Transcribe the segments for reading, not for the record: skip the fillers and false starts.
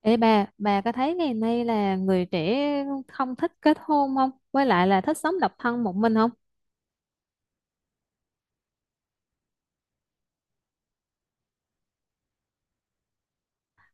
Ê bà có thấy ngày nay là người trẻ không thích kết hôn không? Với lại là thích sống độc thân một mình không?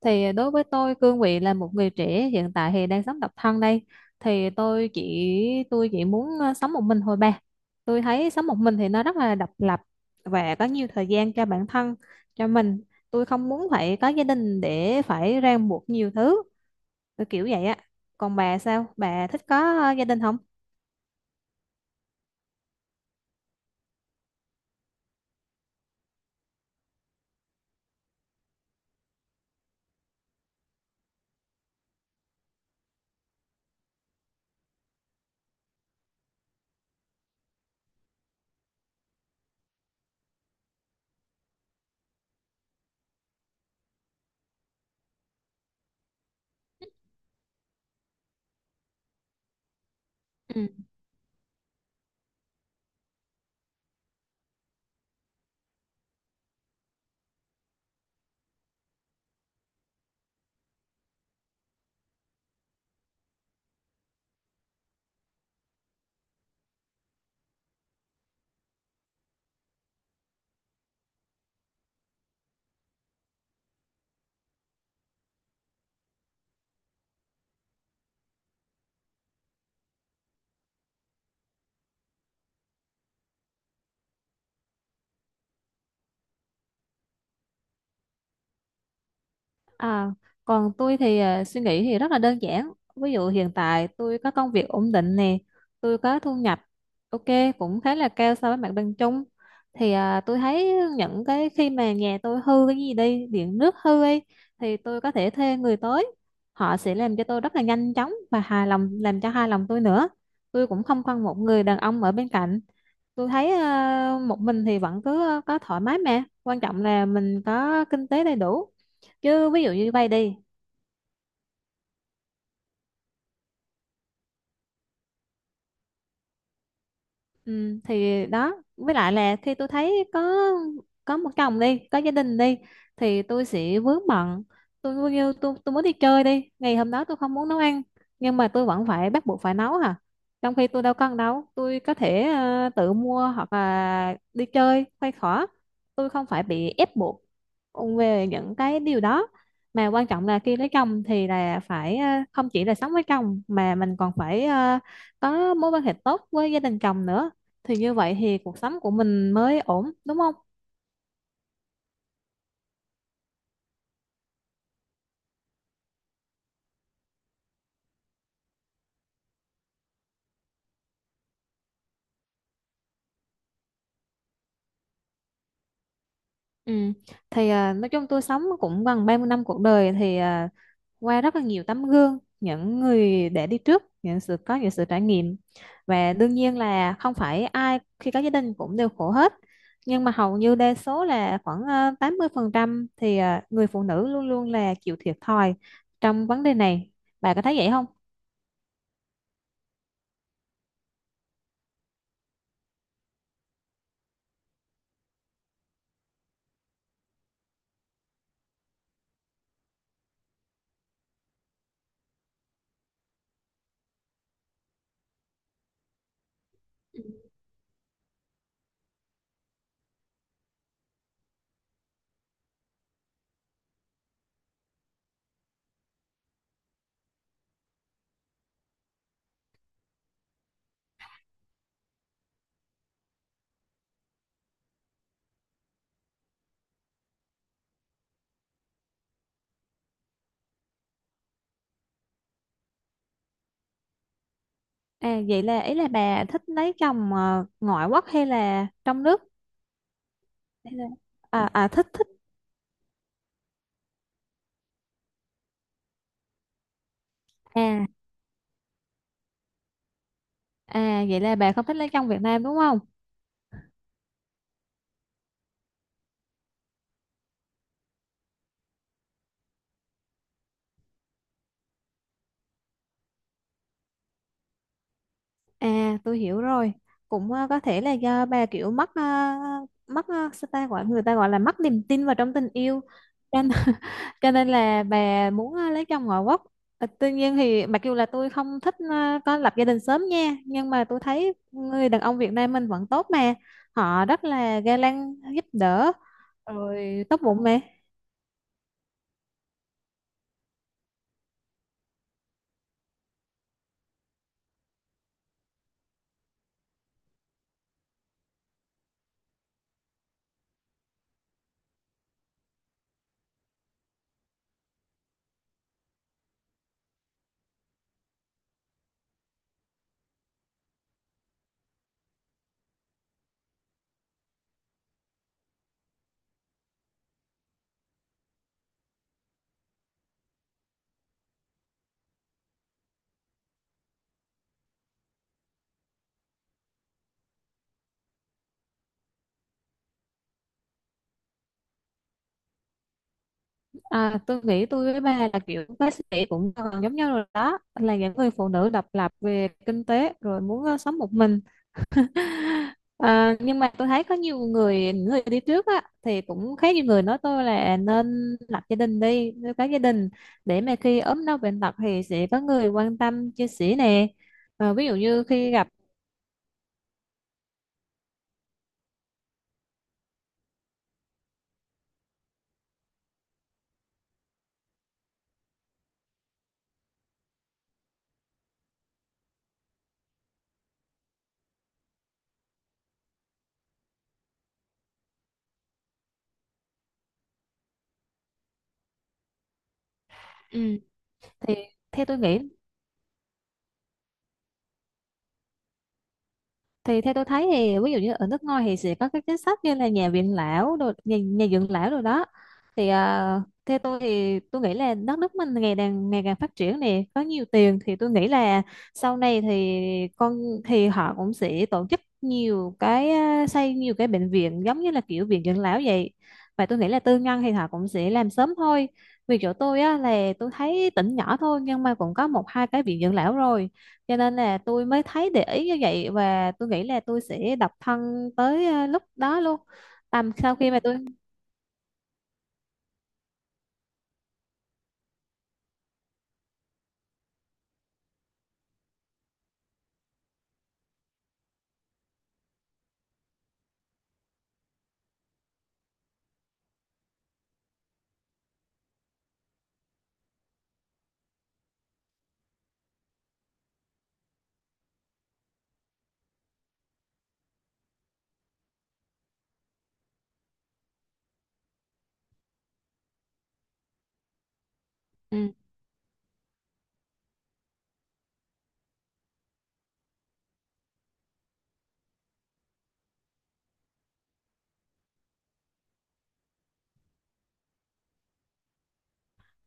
Thì đối với tôi, cương vị là một người trẻ hiện tại thì đang sống độc thân đây. Thì tôi chỉ muốn sống một mình thôi bà. Tôi thấy sống một mình thì nó rất là độc lập và có nhiều thời gian cho bản thân, cho mình. Tôi không muốn phải có gia đình để phải ràng buộc nhiều thứ, kiểu vậy á. Còn bà sao? Bà thích có gia đình không? À, còn tôi thì suy nghĩ thì rất là đơn giản. Ví dụ hiện tại tôi có công việc ổn định nè, tôi có thu nhập ok, cũng khá là cao so với mặt bằng chung. Thì tôi thấy những cái khi mà nhà tôi hư cái gì đi, điện nước hư ấy, thì tôi có thể thuê người tới. Họ sẽ làm cho tôi rất là nhanh chóng và hài lòng, làm cho hài lòng tôi nữa. Tôi cũng không cần một người đàn ông ở bên cạnh. Tôi thấy một mình thì vẫn cứ có thoải mái, mà quan trọng là mình có kinh tế đầy đủ, chứ ví dụ như vay đi. Ừ, thì đó, với lại là khi tôi thấy có một chồng đi, có gia đình đi, thì tôi sẽ vướng bận. Tôi coi như tôi muốn đi chơi đi, ngày hôm đó tôi không muốn nấu ăn, nhưng mà tôi vẫn phải bắt buộc phải nấu hả, trong khi tôi đâu cần đâu, tôi có thể tự mua hoặc là đi chơi khoai khỏa, tôi không phải bị ép buộc về những cái điều đó. Mà quan trọng là khi lấy chồng thì là phải không chỉ là sống với chồng mà mình còn phải có mối quan hệ tốt với gia đình chồng nữa, thì như vậy thì cuộc sống của mình mới ổn, đúng không? Ừ. Thì nói chung tôi sống cũng gần 30 năm cuộc đời, thì qua rất là nhiều tấm gương những người để đi trước, những sự, có những sự trải nghiệm, và đương nhiên là không phải ai khi có gia đình cũng đều khổ hết, nhưng mà hầu như đa số là khoảng 80% thì người phụ nữ luôn luôn là chịu thiệt thòi trong vấn đề này, bà có thấy vậy không? À, vậy là ý là bà thích lấy chồng ngoại quốc hay là trong nước? Thế là- thích thích à Vậy là bà không thích lấy chồng Việt Nam đúng không? Tôi hiểu rồi. Cũng có thể là do bà kiểu mất, sao ta gọi, người ta gọi là mất niềm tin vào trong tình yêu, cho nên, cho nên là bà muốn lấy chồng ngoại quốc. Tuy nhiên thì mặc dù là tôi không thích có lập gia đình sớm nha, nhưng mà tôi thấy người đàn ông Việt Nam mình vẫn tốt mà, họ rất là ga lăng, giúp đỡ, rồi tốt bụng mà. À, tôi nghĩ tôi với ba là kiểu bác sĩ cũng gần giống nhau rồi, đó là những người phụ nữ độc lập về kinh tế rồi muốn sống một mình. Nhưng mà tôi thấy có nhiều người, những người đi trước á, thì cũng khá nhiều người nói tôi là nên lập gia đình đi, nuôi cái gia đình để mà khi ốm đau bệnh tật thì sẽ có người quan tâm chia sẻ nè. Ví dụ như khi gặp. Ừ. thì theo tôi nghĩ thì theo tôi thấy thì ví dụ như ở nước ngoài thì sẽ có các chính sách như là nhà viện lão đồ, nhà, nhà dưỡng lão rồi đó. Thì theo tôi thì tôi nghĩ là đất nước mình ngày càng phát triển nè, có nhiều tiền, thì tôi nghĩ là sau này thì con, thì họ cũng sẽ tổ chức nhiều cái, xây nhiều cái bệnh viện giống như là kiểu viện dưỡng lão vậy. Và tôi nghĩ là tư nhân thì họ cũng sẽ làm sớm thôi, vì chỗ tôi á là tôi thấy tỉnh nhỏ thôi nhưng mà cũng có 1-2 cái viện dưỡng lão rồi, cho nên là tôi mới thấy, để ý như vậy. Và tôi nghĩ là tôi sẽ độc thân tới lúc đó luôn. Tầm sau khi mà tôi. Ừ.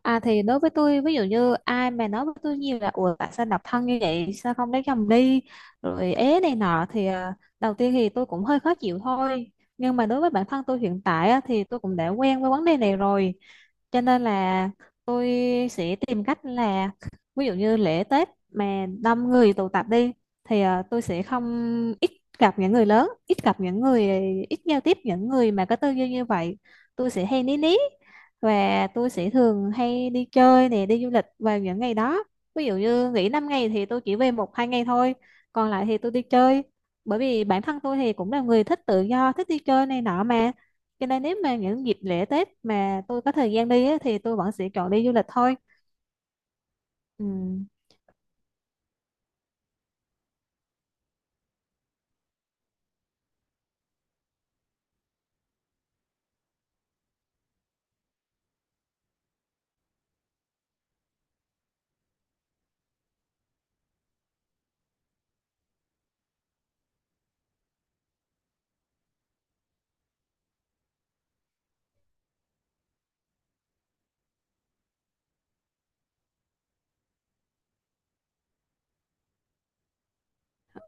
À, thì đối với tôi ví dụ như ai mà nói với tôi nhiều là ủa tại sao độc thân như vậy, sao không lấy chồng đi, rồi ế này nọ, thì đầu tiên thì tôi cũng hơi khó chịu thôi. Nhưng mà đối với bản thân tôi hiện tại á, thì tôi cũng đã quen với vấn đề này rồi, cho nên là tôi sẽ tìm cách là ví dụ như lễ Tết mà đông người tụ tập đi thì tôi sẽ không, ít gặp những người lớn, ít gặp những người, ít giao tiếp những người mà có tư duy như vậy. Tôi sẽ hay ní ní, và tôi sẽ thường hay đi chơi nè, đi du lịch vào những ngày đó. Ví dụ như nghỉ 5 ngày thì tôi chỉ về 1-2 ngày thôi, còn lại thì tôi đi chơi, bởi vì bản thân tôi thì cũng là người thích tự do, thích đi chơi này nọ mà. Cho nên nếu mà những dịp lễ Tết mà tôi có thời gian đi á, thì tôi vẫn sẽ chọn đi du lịch thôi. Ừ,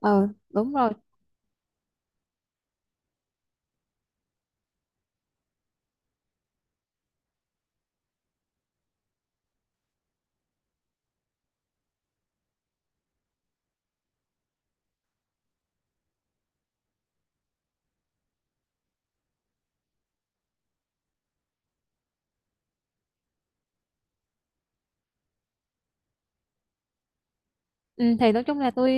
ờ, đúng rồi. Ừ, thì nói chung là tôi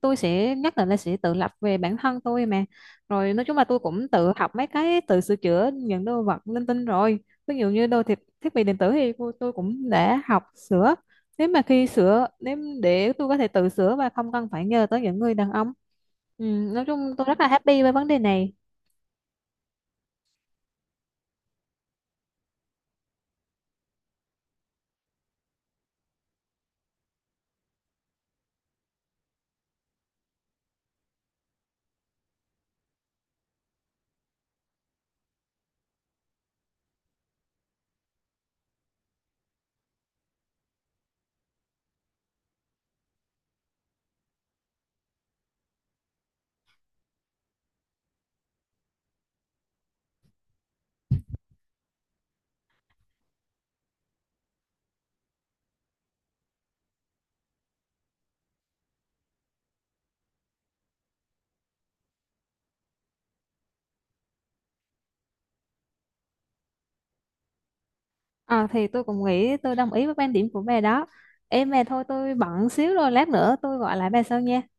tôi sẽ nhất định là sẽ tự lập về bản thân tôi mà. Rồi nói chung là tôi cũng tự học mấy cái, tự sửa chữa những đồ vật linh tinh rồi. Ví dụ như đồ thiết thiết bị điện tử thì tôi cũng đã học sửa, nếu mà khi sửa nếu để tôi có thể tự sửa và không cần phải nhờ tới những người đàn ông. Ừ, nói chung tôi rất là happy với vấn đề này. Thì tôi cũng nghĩ, tôi đồng ý với quan điểm của bà đó. Em mà thôi, tôi bận xíu rồi, lát nữa tôi gọi lại bà sau nha.